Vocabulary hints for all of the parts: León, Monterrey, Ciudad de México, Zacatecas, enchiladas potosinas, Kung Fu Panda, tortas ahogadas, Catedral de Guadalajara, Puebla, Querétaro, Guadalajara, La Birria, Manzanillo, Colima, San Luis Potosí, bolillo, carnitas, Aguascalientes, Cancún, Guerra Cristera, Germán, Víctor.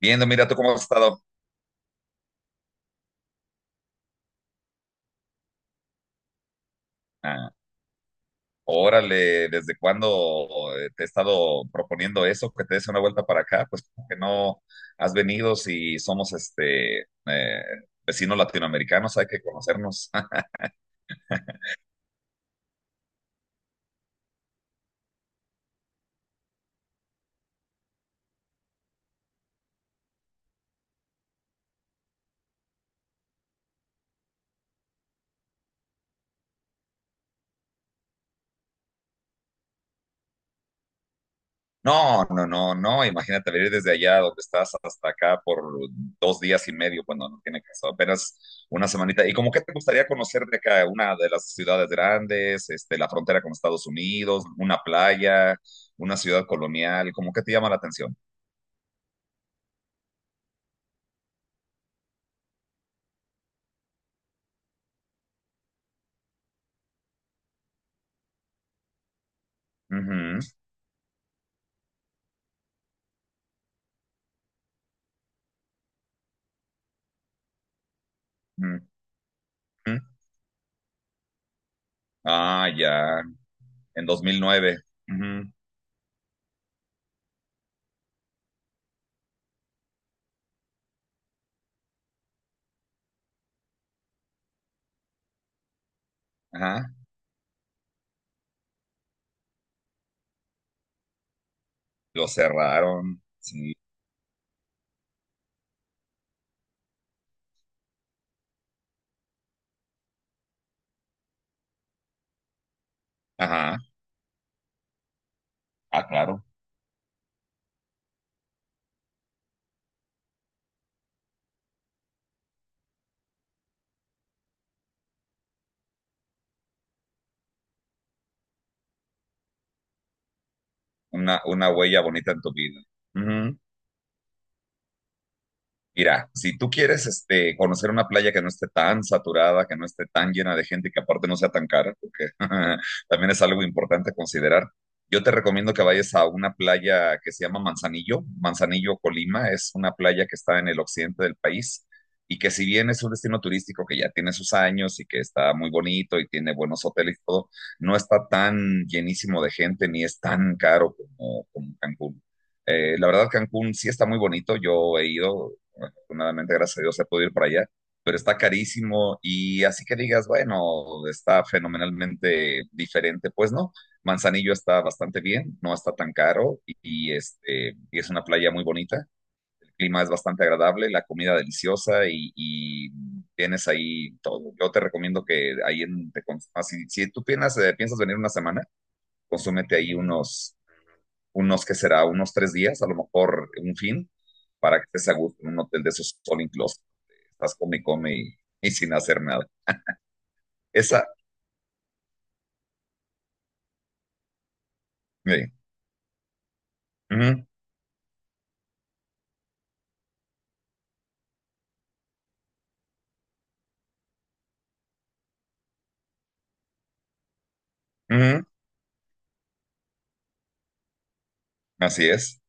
Viendo, mira tú cómo has estado. Ah, órale, ¿desde cuándo te he estado proponiendo eso, que te des una vuelta para acá? Pues como que no has venido si somos vecinos latinoamericanos, hay que conocernos. No, no, no, no, imagínate venir desde allá donde estás hasta acá por dos días y medio. Bueno, no tiene caso, apenas una semanita. ¿Y como qué te gustaría conocer de acá? ¿Una de las ciudades grandes, este, la frontera con Estados Unidos, una playa, una ciudad colonial? ¿Cómo qué te llama la atención? Ujú, ujú. Ah, ya, en 2009. Ujú. Ajá, lo cerraron, sí, ajá, ah, claro, una huella bonita en tu vida. Mira, si tú quieres este, conocer una playa que no esté tan saturada, que no esté tan llena de gente, y que aparte no sea tan cara, porque también es algo importante a considerar, yo te recomiendo que vayas a una playa que se llama Manzanillo, Manzanillo, Colima, es una playa que está en el occidente del país y que si bien es un destino turístico que ya tiene sus años y que está muy bonito y tiene buenos hoteles y todo, no está tan llenísimo de gente ni es tan caro como Cancún. La verdad, Cancún sí está muy bonito. Yo he ido. Afortunadamente, gracias a Dios, he podido ir para allá, pero está carísimo y así que digas, bueno, está fenomenalmente diferente, pues no. Manzanillo está bastante bien, no está tan caro y es una playa muy bonita. El clima es bastante agradable, la comida deliciosa y tienes ahí todo. Yo te recomiendo que ahí en, te consumas. Si, si tú piensas, piensas venir una semana, consúmete ahí unos, unos, ¿qué será? Unos tres días, a lo mejor un fin, para que estés a gusto en un hotel de esos all inclusive, estás come y come y sin hacer nada. Esa, sí. Ujú, ujú, así es,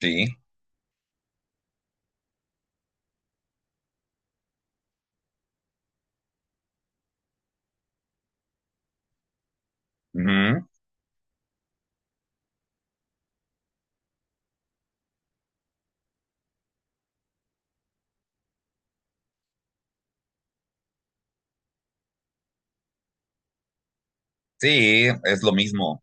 sí, ujú, sí, es lo mismo.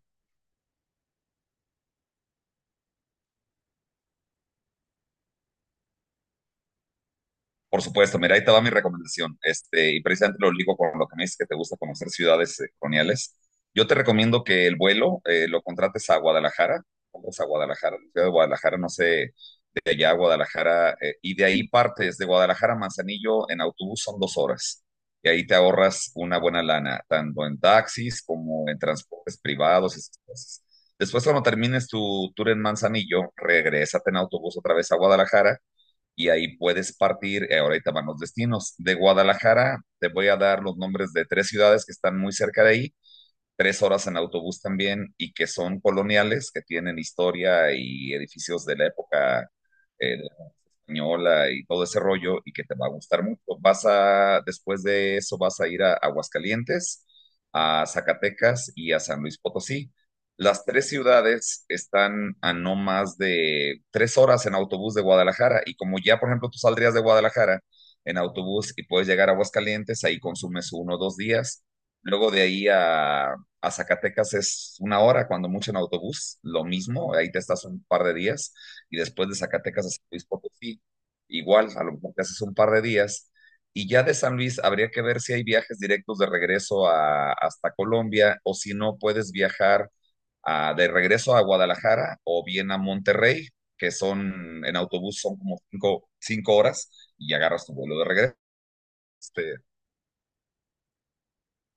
Por supuesto, mira, ahí te va mi recomendación. Este, y precisamente lo ligo con lo que me dices que te gusta conocer ciudades coloniales. Yo te recomiendo que el vuelo lo contrates a Guadalajara, compras a Guadalajara, la ciudad de Guadalajara, no sé, de allá a Guadalajara, y de ahí partes de Guadalajara a Manzanillo en autobús, son dos horas. Y ahí te ahorras una buena lana, tanto en taxis como en transportes privados y esas cosas. Después, cuando termines tu tour en Manzanillo, regrésate en autobús otra vez a Guadalajara y ahí puedes partir, ahorita van los destinos. De Guadalajara te voy a dar los nombres de tres ciudades que están muy cerca de ahí, tres horas en autobús también y que son coloniales, que tienen historia y edificios de la época eh, española y todo ese rollo y que te va a gustar mucho. Vas a, después de eso vas a ir a Aguascalientes, a Zacatecas y a San Luis Potosí. Las tres ciudades están a no más de tres horas en autobús de Guadalajara y como ya, por ejemplo, tú saldrías de Guadalajara en autobús y puedes llegar a Aguascalientes, ahí consumes uno o dos días. Luego de ahí a Zacatecas es una hora, cuando mucho, en autobús, lo mismo, ahí te estás un par de días y después de Zacatecas a San Luis Potosí, igual, a lo mejor te haces un par de días, y ya de San Luis habría que ver si hay viajes directos de regreso a, hasta Colombia o si no puedes viajar a- de regreso a Guadalajara o bien a Monterrey, que son en autobús, son como cinco horas y agarras tu vuelo de regreso. Este,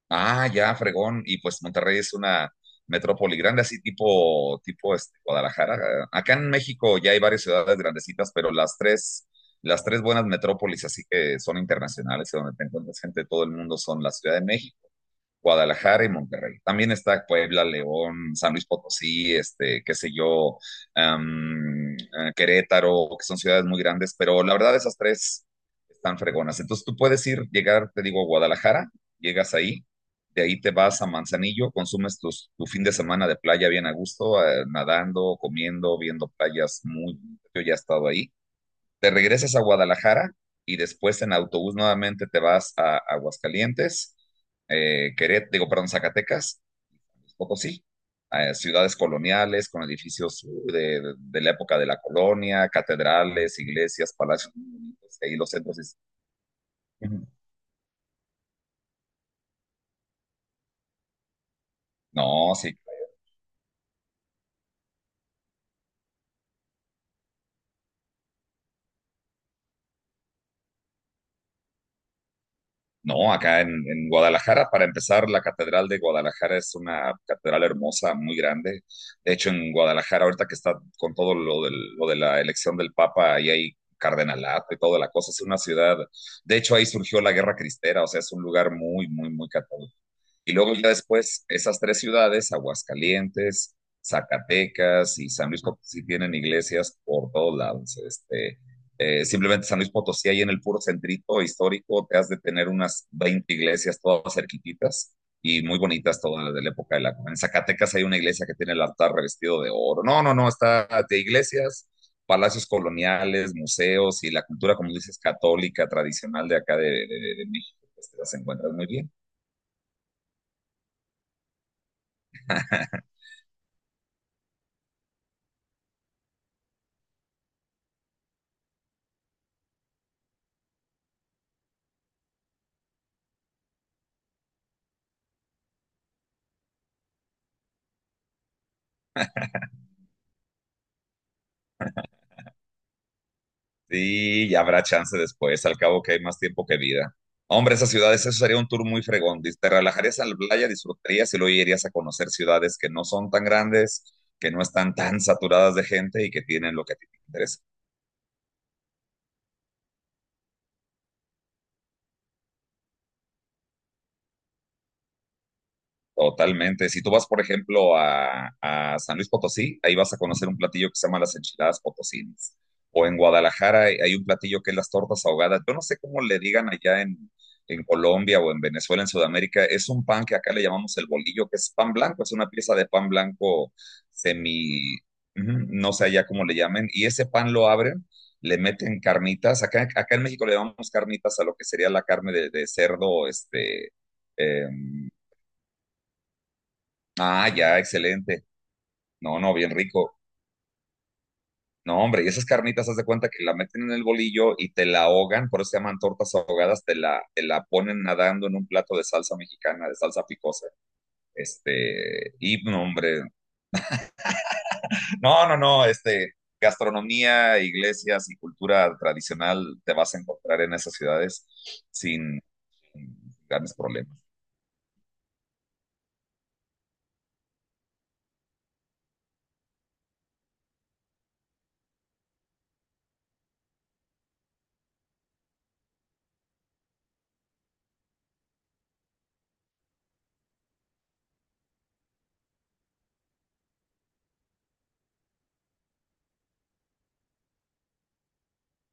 ah, ya, fregón. Y pues Monterrey es una metrópoli grande, así tipo, tipo este, Guadalajara. Acá en México ya hay varias ciudades grandecitas, pero las tres buenas metrópolis, así que son internacionales, y donde te encuentras gente de todo el mundo, son la Ciudad de México, Guadalajara y Monterrey. También está Puebla, León, San Luis Potosí, este, qué sé yo, Querétaro, que son ciudades muy grandes, pero la verdad esas tres están fregonas. Entonces tú puedes ir, llegar, te digo, a Guadalajara, llegas ahí, de ahí te vas a Manzanillo, consumes tu fin de semana de playa bien a gusto, nadando, comiendo, viendo playas muy... Yo ya he estado ahí. Te regresas a Guadalajara y después en autobús nuevamente te vas a Aguascalientes, perdón, Zacatecas, Potosí, ciudades coloniales con edificios de la época de la colonia, catedrales, iglesias, palacios, y los centros Ujú. No, sí, no, acá en Guadalajara, para empezar, la Catedral de Guadalajara es una catedral hermosa, muy grande. De hecho, en Guadalajara, ahorita que está con todo lo, lo de la elección del Papa, ahí hay cardenalato y toda la cosa, es una ciudad. De hecho, ahí surgió la Guerra Cristera, o sea, es un lugar muy, muy, muy católico. Y luego ya después, esas tres ciudades, Aguascalientes, Zacatecas y San Luis Potosí, tienen iglesias por todos lados. Este, simplemente San Luis Potosí, ahí en el puro centrito histórico, te has de tener unas 20 iglesias todas cerquititas y muy bonitas todas de la época de la... En Zacatecas hay una iglesia que tiene el altar revestido de oro. No, no, no, está de iglesias, palacios coloniales, museos y la cultura, como dices, católica, tradicional de acá de México, pues te las encuentras muy bien. Sí, ya habrá chance después, al cabo que hay más tiempo que vida. Hombre, esas ciudades, eso sería un tour muy fregón. Te relajarías en la playa, disfrutarías y luego irías a conocer ciudades que no son tan grandes, que no están tan saturadas de gente y que tienen lo que a ti te interesa. Totalmente. Si tú vas, por ejemplo, a San Luis Potosí, ahí vas a conocer un platillo que se llama las enchiladas potosinas. O en Guadalajara hay un platillo que es las tortas ahogadas. Yo no sé cómo le digan allá en Colombia o en Venezuela, en Sudamérica. Es un pan que acá le llamamos el bolillo, que es pan blanco, es una pieza de pan blanco semi, ujú, no sé allá cómo le llamen. Y ese pan lo abren, le meten carnitas. Acá en México le llamamos carnitas a lo que sería la carne de cerdo, este, em, ah, ya, excelente. No, no, bien rico. No, hombre, y esas carnitas, haz de cuenta que la meten en el bolillo y te la ahogan, por eso se llaman tortas ahogadas, te la ponen nadando en un plato de salsa mexicana, de salsa picosa. Este, y no, hombre, no, no, no, este, gastronomía, iglesias y cultura tradicional te vas a encontrar en esas ciudades sin sin grandes problemas.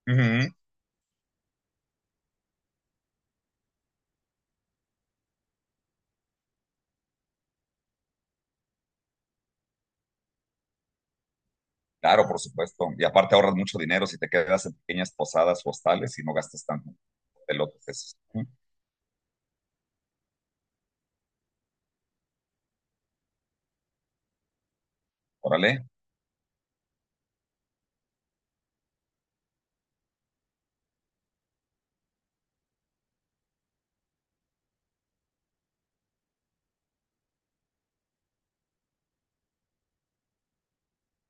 Ujú. Claro, por supuesto. Y aparte ahorras mucho dinero si te quedas en pequeñas posadas o hostales y no gastas tanto de lo que es. Órale.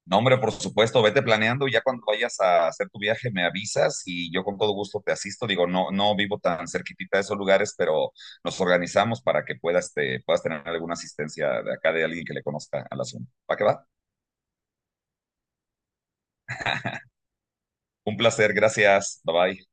No, hombre, por supuesto, vete planeando y ya cuando vayas a hacer tu viaje me avisas y yo con todo gusto te asisto. Digo, no, no vivo tan cerquitita de esos lugares, pero nos organizamos para que puedas, te, puedas tener alguna asistencia de acá de alguien que le conozca al asunto. ¿Para qué va? Un placer, gracias. Bye bye.